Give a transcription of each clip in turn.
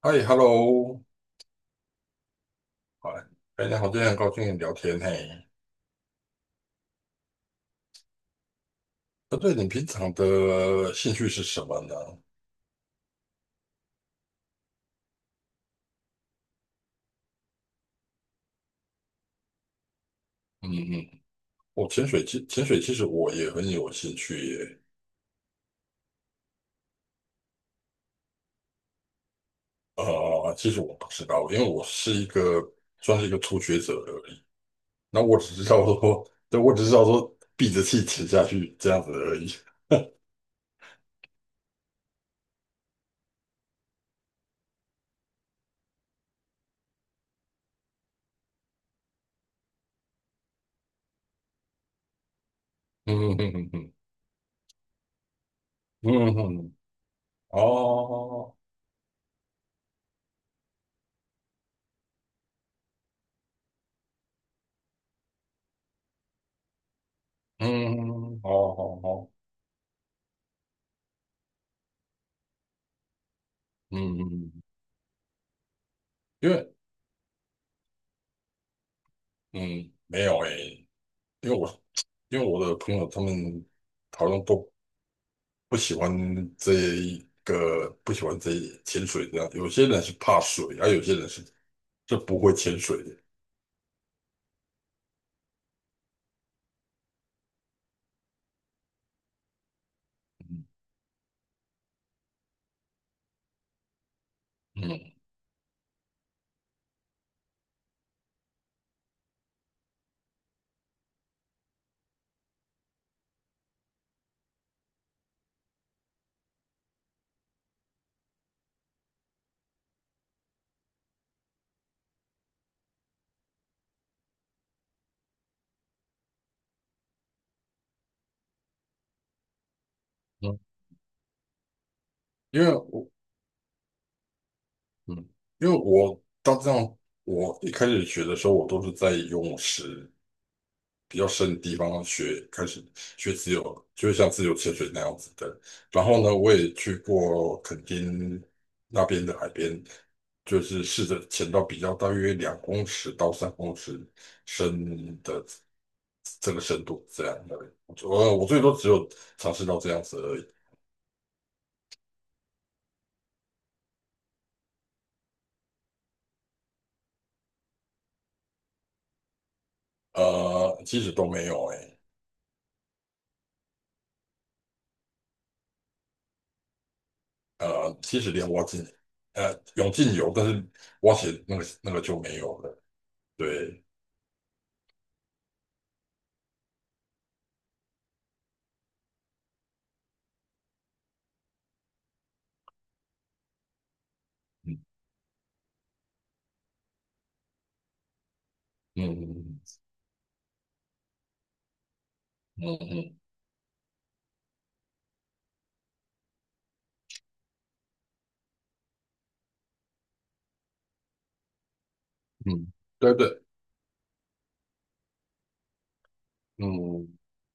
嗨，Hello，哎，哎，你好，今天很高兴跟你聊天嘿。那对，你平常的兴趣是什么呢？嗯嗯，我潜水，潜水其实我也很有兴趣耶。其实我不知道，因为我是一个算是一个初学者而已。那我只知道说，对，我只知道说闭着气潜下去这样子而已。嗯嗯嗯嗯嗯嗯。嗯。哦。嗯。嗯嗯。哦好。哦。嗯嗯。嗯。因为嗯没有诶。因为我因为我的朋友他们好像都不喜欢这一个，不喜欢潜水这样。有些人是怕水，而、有些人是不会潜水的。嗯嗯。嗯。因为我嗯，因为我到这样，我一开始学的时候，我都是在游泳池，比较深的地方学，开始学自由，就像自由潜水那样子的。然后呢，我也去过垦丁那边的海边，就是试着潜到比较大约2公尺到三公尺深的这个深度，这样的。我最多只有尝试到这样子而已。其实都没有哎、其实连蛙进泳镜有，但是蛙鞋那个就没有了。对。嗯嗯嗯嗯。嗯嗯，对对，嗯，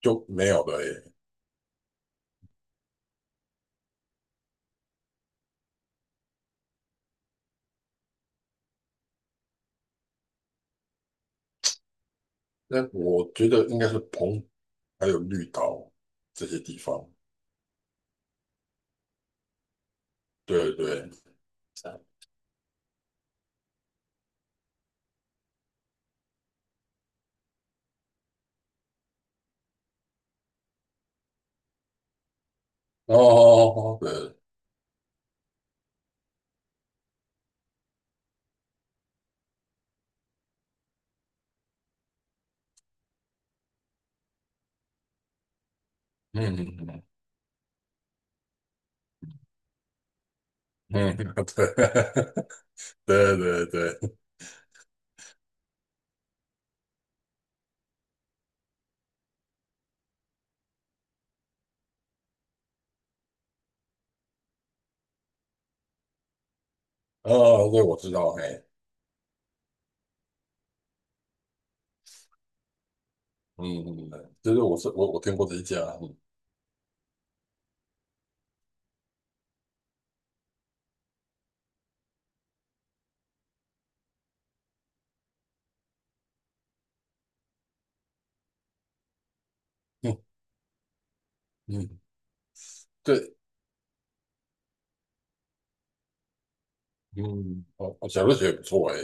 就没有了耶。那我觉得应该是澎还有绿岛这些地方。对对。哦，对。嗯嗯嗯。嗯 对。对对对。哦，对，我知道，哎。嗯。嗯嗯就是我听过这一家。嗯嗯。嗯。对。嗯。哦，哦小瑞雪也不错，哎。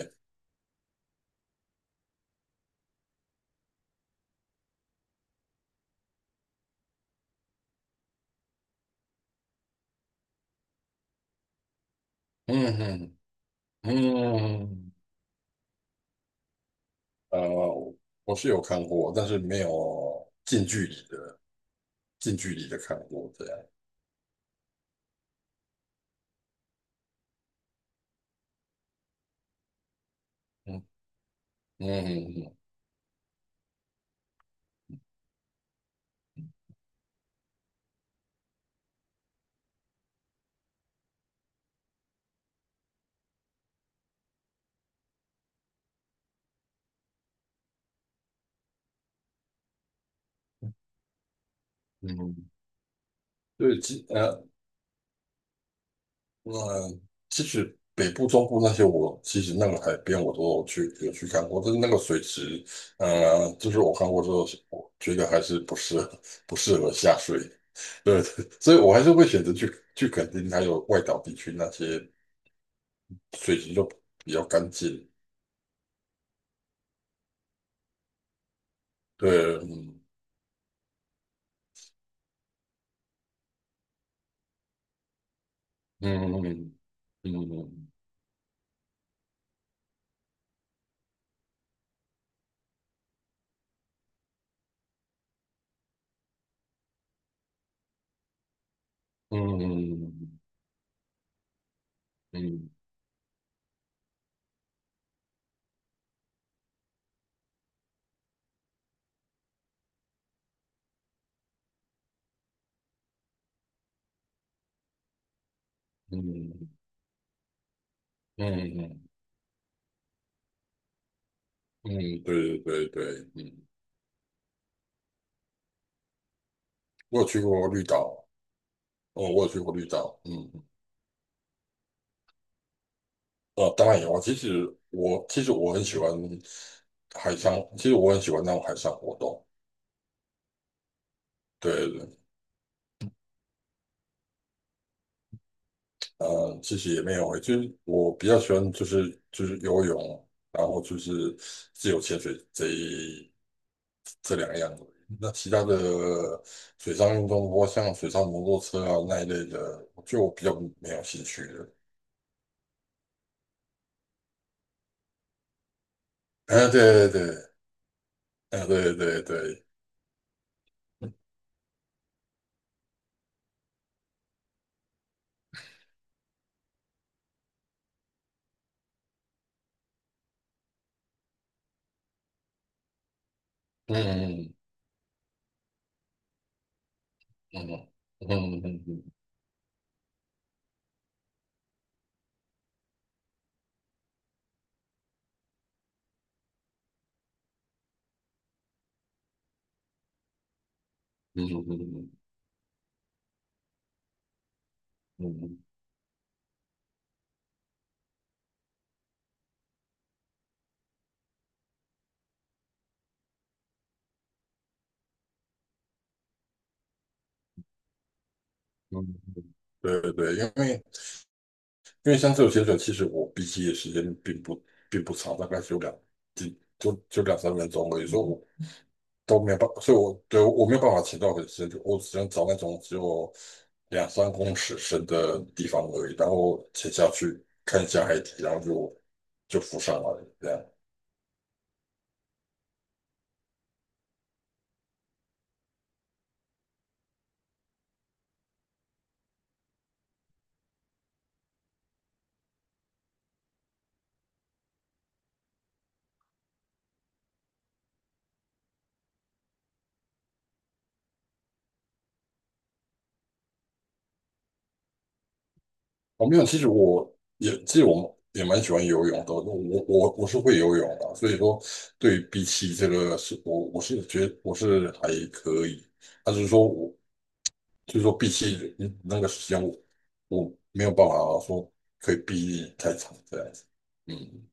嗯嗯嗯。嗯。哦。我是有看过，但是没有近距离的。近距离的看过这样。嗯嗯嗯嗯。对。其。呃，其实北部、中部那些，我其实那个海边我都有去看过，但是那个水池，就是我看过之后，我觉得还是不适合下水。对，所以我还是会选择去肯定还有外岛地区那些水池就比较干净。对。嗯嗯嗯嗯嗯嗯嗯嗯。嗯。对对对对。嗯。我有去过绿岛。哦，我有去过绿岛。嗯。当然有啊。其实我很喜欢海上，其实我很喜欢那种海上活动。对对。其实也没有欸就是我比较喜欢就是游泳，然后就是自由潜水这两样而已那其他的水上运动，包括像水上摩托车啊那一类的，就我比较没有兴趣了。哎、对对对。哎、对对对。嗯嗯嗯嗯嗯嗯嗯。嗯。对对对，因为像这种潜水，其实我闭气的时间并不长，大概只有两几就就两三分钟而已，所以我都没有办法，所以我没有办法潜到很深，就我只能找那种只有两三公尺深的地方而已，然后潜下去看一下海底，然后就浮上来了，这样。我没有，其实我也蛮喜欢游泳的，我我是会游泳的，所以说对比起这个是我是觉得我是还可以，但是说我比起那个时间我没有办法说可以避太长这样子。嗯。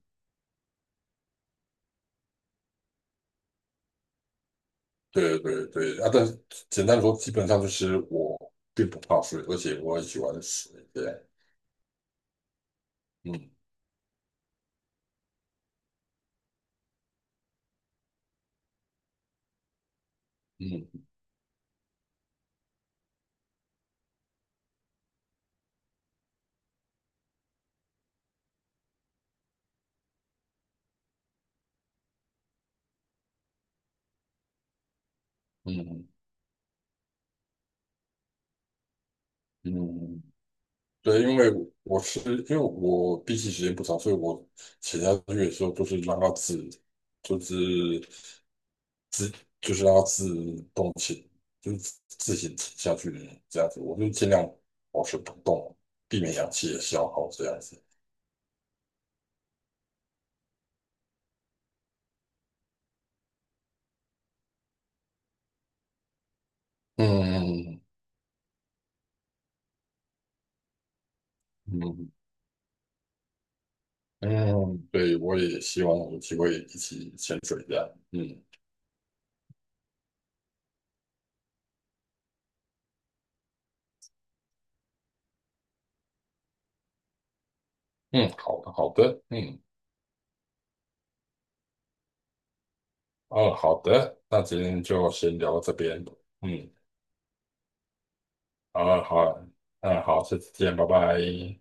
对对对啊，但是简单地说，基本上就是我并不怕水，而且我很喜欢水，对。嗯嗯嗯嗯嗯。对，因为是因为我闭气时间不长，所以我写下去的时候都是让它自，就是自，就是让它自动潜，就是自行潜下去的这样子。我就尽量保持不动，避免氧气的消耗这样子。嗯嗯嗯，对，我也希望有机会一起潜水这样。嗯。嗯，好的好的。嗯。嗯好的，那今天就先聊到这边。嗯。好啊，好啊。嗯，好，下次见，拜拜。